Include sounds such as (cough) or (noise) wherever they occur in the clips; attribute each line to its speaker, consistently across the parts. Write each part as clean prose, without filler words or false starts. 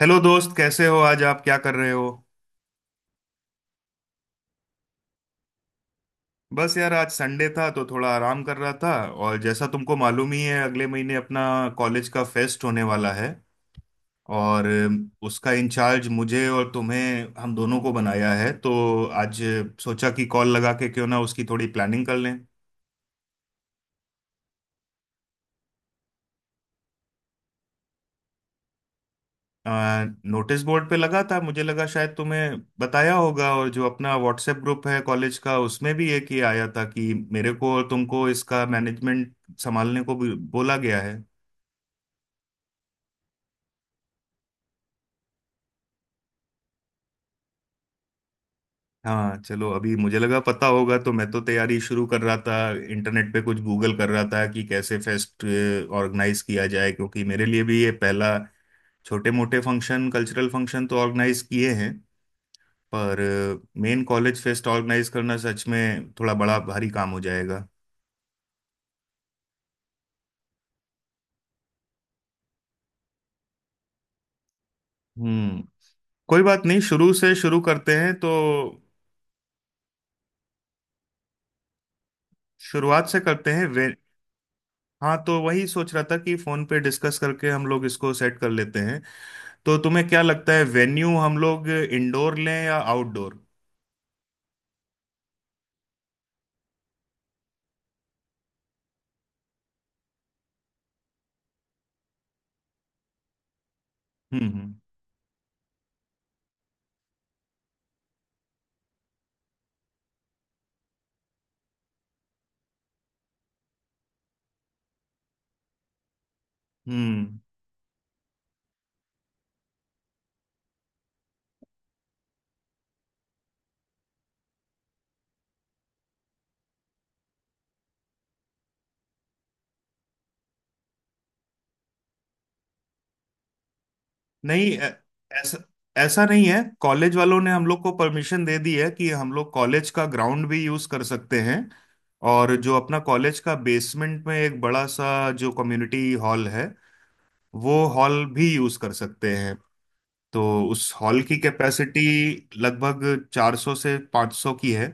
Speaker 1: Hello दोस्त, कैसे हो? आज आप क्या कर रहे हो? बस यार, आज संडे था तो थोड़ा आराम कर रहा था। और जैसा तुमको मालूम ही है, अगले महीने अपना कॉलेज का फेस्ट होने वाला है। और उसका इंचार्ज मुझे और तुम्हें, हम दोनों को बनाया है, तो आज सोचा कि कॉल लगा के क्यों ना उसकी थोड़ी प्लानिंग कर लें। अ, नोटिस बोर्ड पे लगा था, मुझे लगा शायद तुम्हें बताया होगा। और जो अपना व्हाट्सएप ग्रुप है कॉलेज का, उसमें भी एक ही आया था कि मेरे को और तुमको इसका मैनेजमेंट संभालने को भी बोला गया है। हाँ, चलो, अभी मुझे लगा पता होगा तो मैं तो तैयारी शुरू कर रहा था। इंटरनेट पे कुछ गूगल कर रहा था कि कैसे फेस्ट ऑर्गेनाइज किया जाए, क्योंकि मेरे लिए भी ये पहला। छोटे मोटे फंक्शन, कल्चरल फंक्शन तो ऑर्गेनाइज किए हैं, पर मेन कॉलेज फेस्ट ऑर्गेनाइज करना सच में थोड़ा बड़ा भारी काम हो जाएगा। हम्म। कोई बात नहीं, शुरू से शुरू करते हैं तो। शुरुआत से करते हैं वे। हाँ, तो वही सोच रहा था कि फोन पे डिस्कस करके हम लोग इसको सेट कर लेते हैं। तो तुम्हें क्या लगता है, वेन्यू हम लोग इंडोर लें या आउटडोर? हम्म। हम्म। हम्म। नहीं, ऐसा ऐसा नहीं है, कॉलेज वालों ने हम लोग को परमिशन दे दी है कि हम लोग कॉलेज का ग्राउंड भी यूज कर सकते हैं। और जो अपना कॉलेज का बेसमेंट में एक बड़ा सा जो कम्युनिटी हॉल है, वो हॉल भी यूज कर सकते हैं। तो उस हॉल की कैपेसिटी लगभग 400 से 500 की है।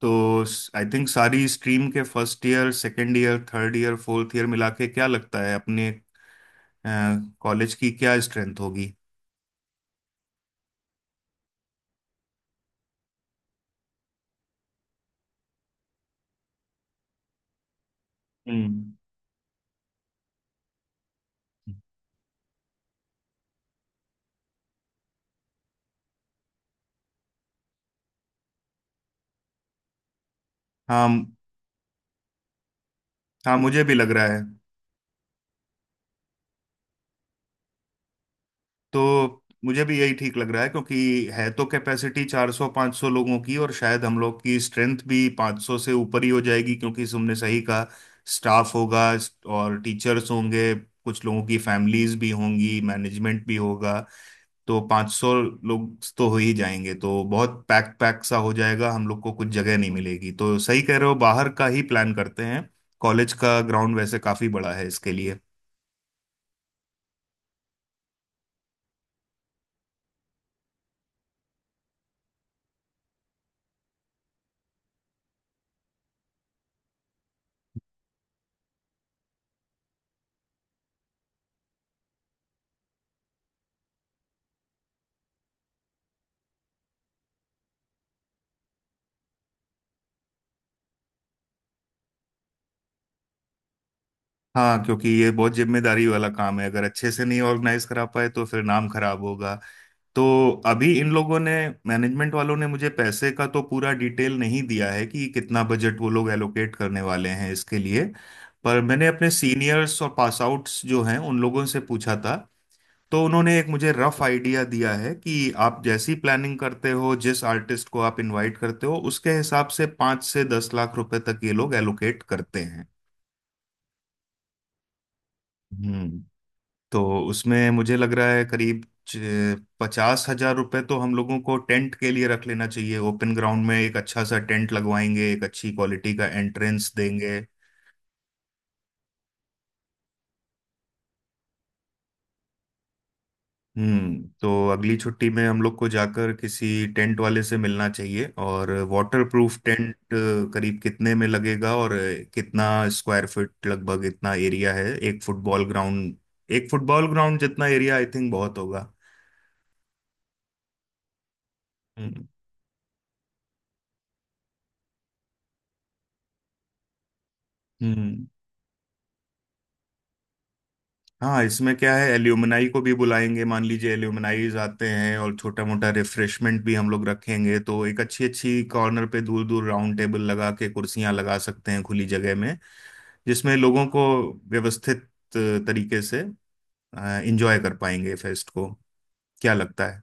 Speaker 1: तो आई थिंक, सारी स्ट्रीम के first year, second year, third year, fourth year मिला के क्या लगता है अपने कॉलेज की क्या स्ट्रेंथ होगी? हम्म। हाँ। हाँ, मुझे भी लग रहा है। तो मुझे भी यही ठीक लग रहा है, क्योंकि है तो कैपेसिटी 400 500 लोगों की, और शायद हम लोग की स्ट्रेंथ भी 500 से ऊपर ही हो जाएगी। क्योंकि तुमने सही कहा, स्टाफ होगा और टीचर्स होंगे, कुछ लोगों की फैमिलीज भी होंगी, मैनेजमेंट भी होगा। तो 500 लोग तो हो ही जाएंगे, तो बहुत पैक पैक सा हो जाएगा, हम लोग को कुछ जगह नहीं मिलेगी। तो सही कह रहे हो, बाहर का ही प्लान करते हैं। कॉलेज का ग्राउंड वैसे काफी बड़ा है इसके लिए। हाँ, क्योंकि ये बहुत जिम्मेदारी वाला काम है, अगर अच्छे से नहीं ऑर्गेनाइज करा पाए तो फिर नाम खराब होगा। तो अभी इन लोगों ने, मैनेजमेंट वालों ने मुझे पैसे का तो पूरा डिटेल नहीं दिया है कि कितना बजट वो लोग एलोकेट करने वाले हैं इसके लिए। पर मैंने अपने सीनियर्स और पास आउट्स जो हैं, उन लोगों से पूछा था। तो उन्होंने एक मुझे रफ आइडिया दिया है कि आप जैसी प्लानिंग करते हो, जिस आर्टिस्ट को आप इनवाइट करते हो, उसके हिसाब से 5 से 10 लाख रुपए तक ये लोग एलोकेट करते हैं। हम्म। तो उसमें मुझे लग रहा है करीब 50 हजार रुपए तो हम लोगों को टेंट के लिए रख लेना चाहिए। ओपन ग्राउंड में एक अच्छा सा टेंट लगवाएंगे, एक अच्छी क्वालिटी का एंट्रेंस देंगे। हम्म। तो अगली छुट्टी में हम लोग को जाकर किसी टेंट वाले से मिलना चाहिए और वाटर प्रूफ टेंट करीब कितने में लगेगा, और कितना स्क्वायर फीट लगभग, इतना एरिया है एक फुटबॉल ग्राउंड जितना एरिया आई थिंक बहुत होगा। हम्म। हम्म। हाँ, इसमें क्या है, एल्यूमनाई को भी बुलाएंगे, मान लीजिए एल्यूमनाइज आते हैं, और छोटा मोटा रिफ्रेशमेंट भी हम लोग रखेंगे, तो एक अच्छी अच्छी कॉर्नर पे दूर दूर राउंड टेबल लगा के कुर्सियां लगा सकते हैं खुली जगह में, जिसमें लोगों को व्यवस्थित तरीके से एंजॉय कर पाएंगे फेस्ट को। क्या लगता है?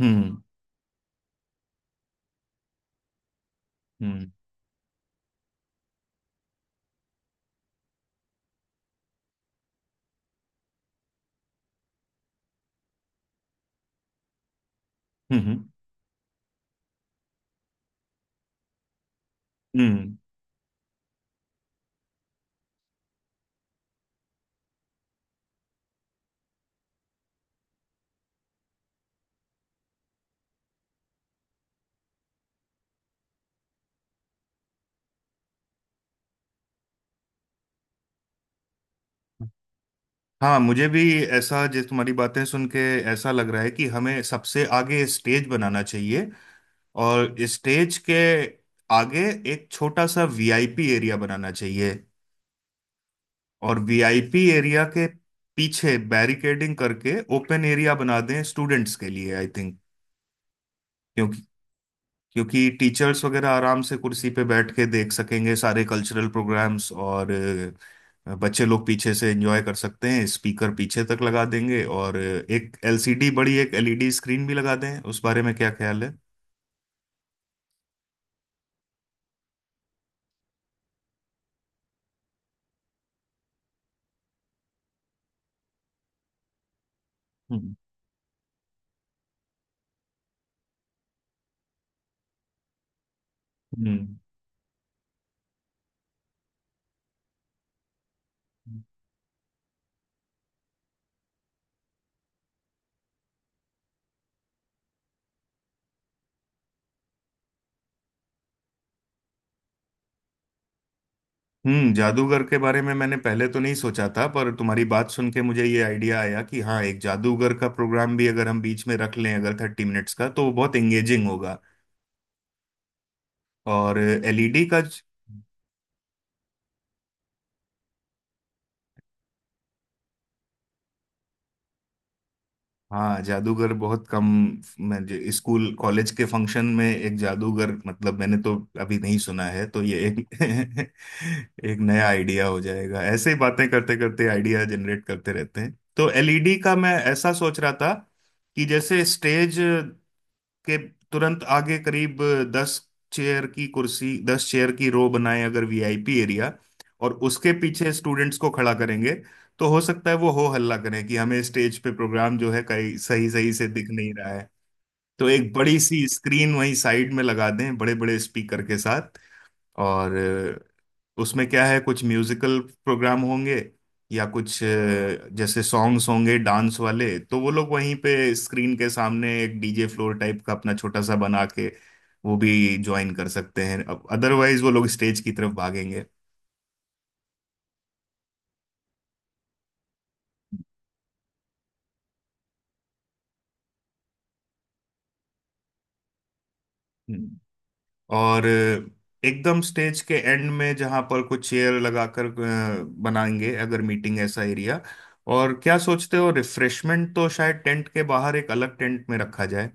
Speaker 1: हम्म। हम्म। हम्म। हम्म। हम्म। हाँ, मुझे भी ऐसा, जैसे तुम्हारी बातें सुन के ऐसा लग रहा है कि हमें सबसे आगे स्टेज बनाना चाहिए, और स्टेज के आगे एक छोटा सा वीआईपी एरिया बनाना चाहिए, और वीआईपी एरिया के पीछे बैरिकेडिंग करके ओपन एरिया बना दें स्टूडेंट्स के लिए, आई थिंक। क्योंकि टीचर्स वगैरह आराम से कुर्सी पे बैठ के देख सकेंगे सारे कल्चरल प्रोग्राम्स, और बच्चे लोग पीछे से एंजॉय कर सकते हैं, स्पीकर पीछे तक लगा देंगे। और अ, एक एलसीडी बड़ी एक एलईडी स्क्रीन भी लगा दें, उस बारे में क्या ख्याल है? हम्म। हम्म। हम्म, जादूगर के बारे में मैंने पहले तो नहीं सोचा था, पर तुम्हारी बात सुन के मुझे ये आइडिया आया कि हाँ, एक जादूगर का प्रोग्राम भी अगर हम बीच में रख लें, अगर 30 मिनट्स का, तो वो बहुत एंगेजिंग होगा। और एलईडी का, हाँ जादूगर बहुत कम, मैं जो स्कूल कॉलेज के फंक्शन में, एक जादूगर मतलब मैंने तो अभी नहीं सुना है, तो ये एक (laughs) एक नया आइडिया हो जाएगा। ऐसे ही बातें करते करते आइडिया जनरेट करते रहते हैं। तो एलईडी का मैं ऐसा सोच रहा था कि जैसे स्टेज के तुरंत आगे, करीब दस दस चेयर की रो बनाए अगर वीआईपी एरिया, और उसके पीछे स्टूडेंट्स को खड़ा करेंगे तो हो सकता है वो हो हल्ला करें कि हमें स्टेज पे प्रोग्राम जो है कहीं सही सही से दिख नहीं रहा है। तो एक बड़ी सी स्क्रीन वहीं साइड में लगा दें, बड़े बड़े स्पीकर के साथ। और उसमें क्या है, कुछ म्यूजिकल प्रोग्राम होंगे या कुछ जैसे सॉन्ग्स होंगे, डांस वाले, तो वो लोग वहीं पे स्क्रीन के सामने एक डीजे फ्लोर टाइप का अपना छोटा सा बना के वो भी ज्वाइन कर सकते हैं। अब अदरवाइज वो लोग स्टेज की तरफ भागेंगे। हम्म। और एकदम स्टेज के एंड में जहां पर कुछ चेयर लगाकर बनाएंगे, अगर मीटिंग, ऐसा एरिया। और क्या सोचते हो, रिफ्रेशमेंट तो शायद टेंट के बाहर एक अलग टेंट में रखा जाए।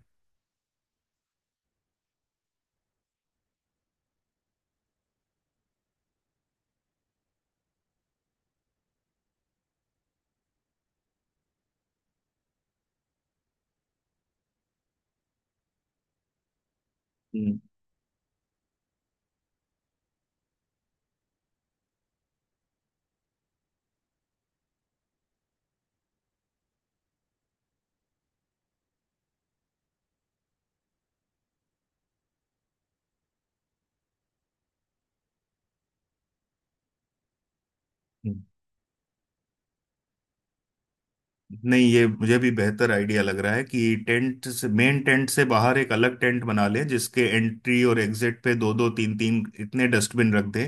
Speaker 1: हम्म। नहीं, ये मुझे भी बेहतर आइडिया लग रहा है कि टेंट से, मेन टेंट से बाहर एक अलग टेंट बना लें, जिसके एंट्री और एग्जिट पे दो दो तीन तीन इतने डस्टबिन रख दें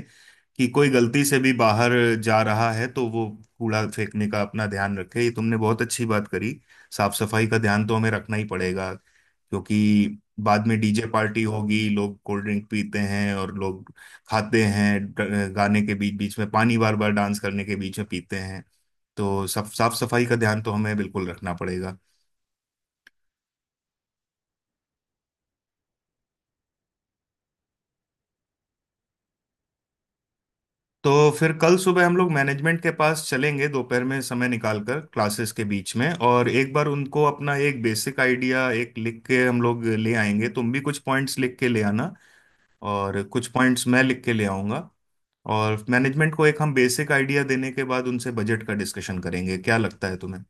Speaker 1: कि कोई गलती से भी बाहर जा रहा है तो वो कूड़ा फेंकने का अपना ध्यान रखे। ये तुमने बहुत अच्छी बात करी, साफ सफाई का ध्यान तो हमें रखना ही पड़ेगा। क्योंकि बाद में डीजे पार्टी होगी, लोग कोल्ड ड्रिंक पीते हैं और लोग खाते हैं, गाने के बीच बीच में पानी बार बार, डांस करने के बीच में पीते हैं। तो सब साफ सफाई का ध्यान तो हमें बिल्कुल रखना पड़ेगा। तो फिर कल सुबह हम लोग मैनेजमेंट के पास चलेंगे, दोपहर में समय निकाल कर, क्लासेस के बीच में, और एक बार उनको अपना एक बेसिक आइडिया एक लिख के हम लोग ले आएंगे। तुम भी कुछ पॉइंट्स लिख के ले आना, और कुछ पॉइंट्स मैं लिख के ले आऊंगा। और मैनेजमेंट को एक हम बेसिक आइडिया देने के बाद उनसे बजट का डिस्कशन करेंगे, क्या लगता है तुम्हें?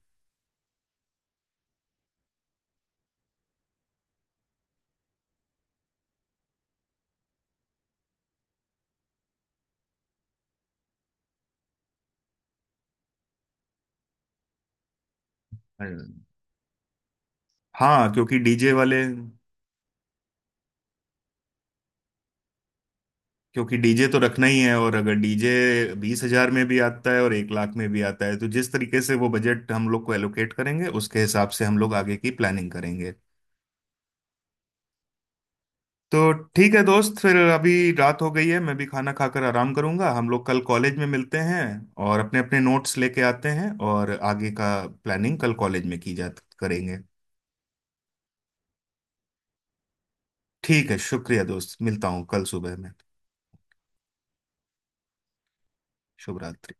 Speaker 1: हाँ, क्योंकि डीजे वाले, क्योंकि डीजे तो रखना ही है। और अगर डीजे 20 हजार में भी आता है और 1 लाख में भी आता है, तो जिस तरीके से वो बजट हम लोग को एलोकेट करेंगे, उसके हिसाब से हम लोग आगे की प्लानिंग करेंगे। तो ठीक है दोस्त, फिर अभी रात हो गई है, मैं भी खाना खाकर आराम करूंगा, हम लोग कल कॉलेज में मिलते हैं और अपने अपने नोट्स लेके आते हैं, और आगे का प्लानिंग कल कॉलेज में की जा, करेंगे। ठीक है, शुक्रिया दोस्त, मिलता हूँ कल सुबह में। शुभ रात्रि।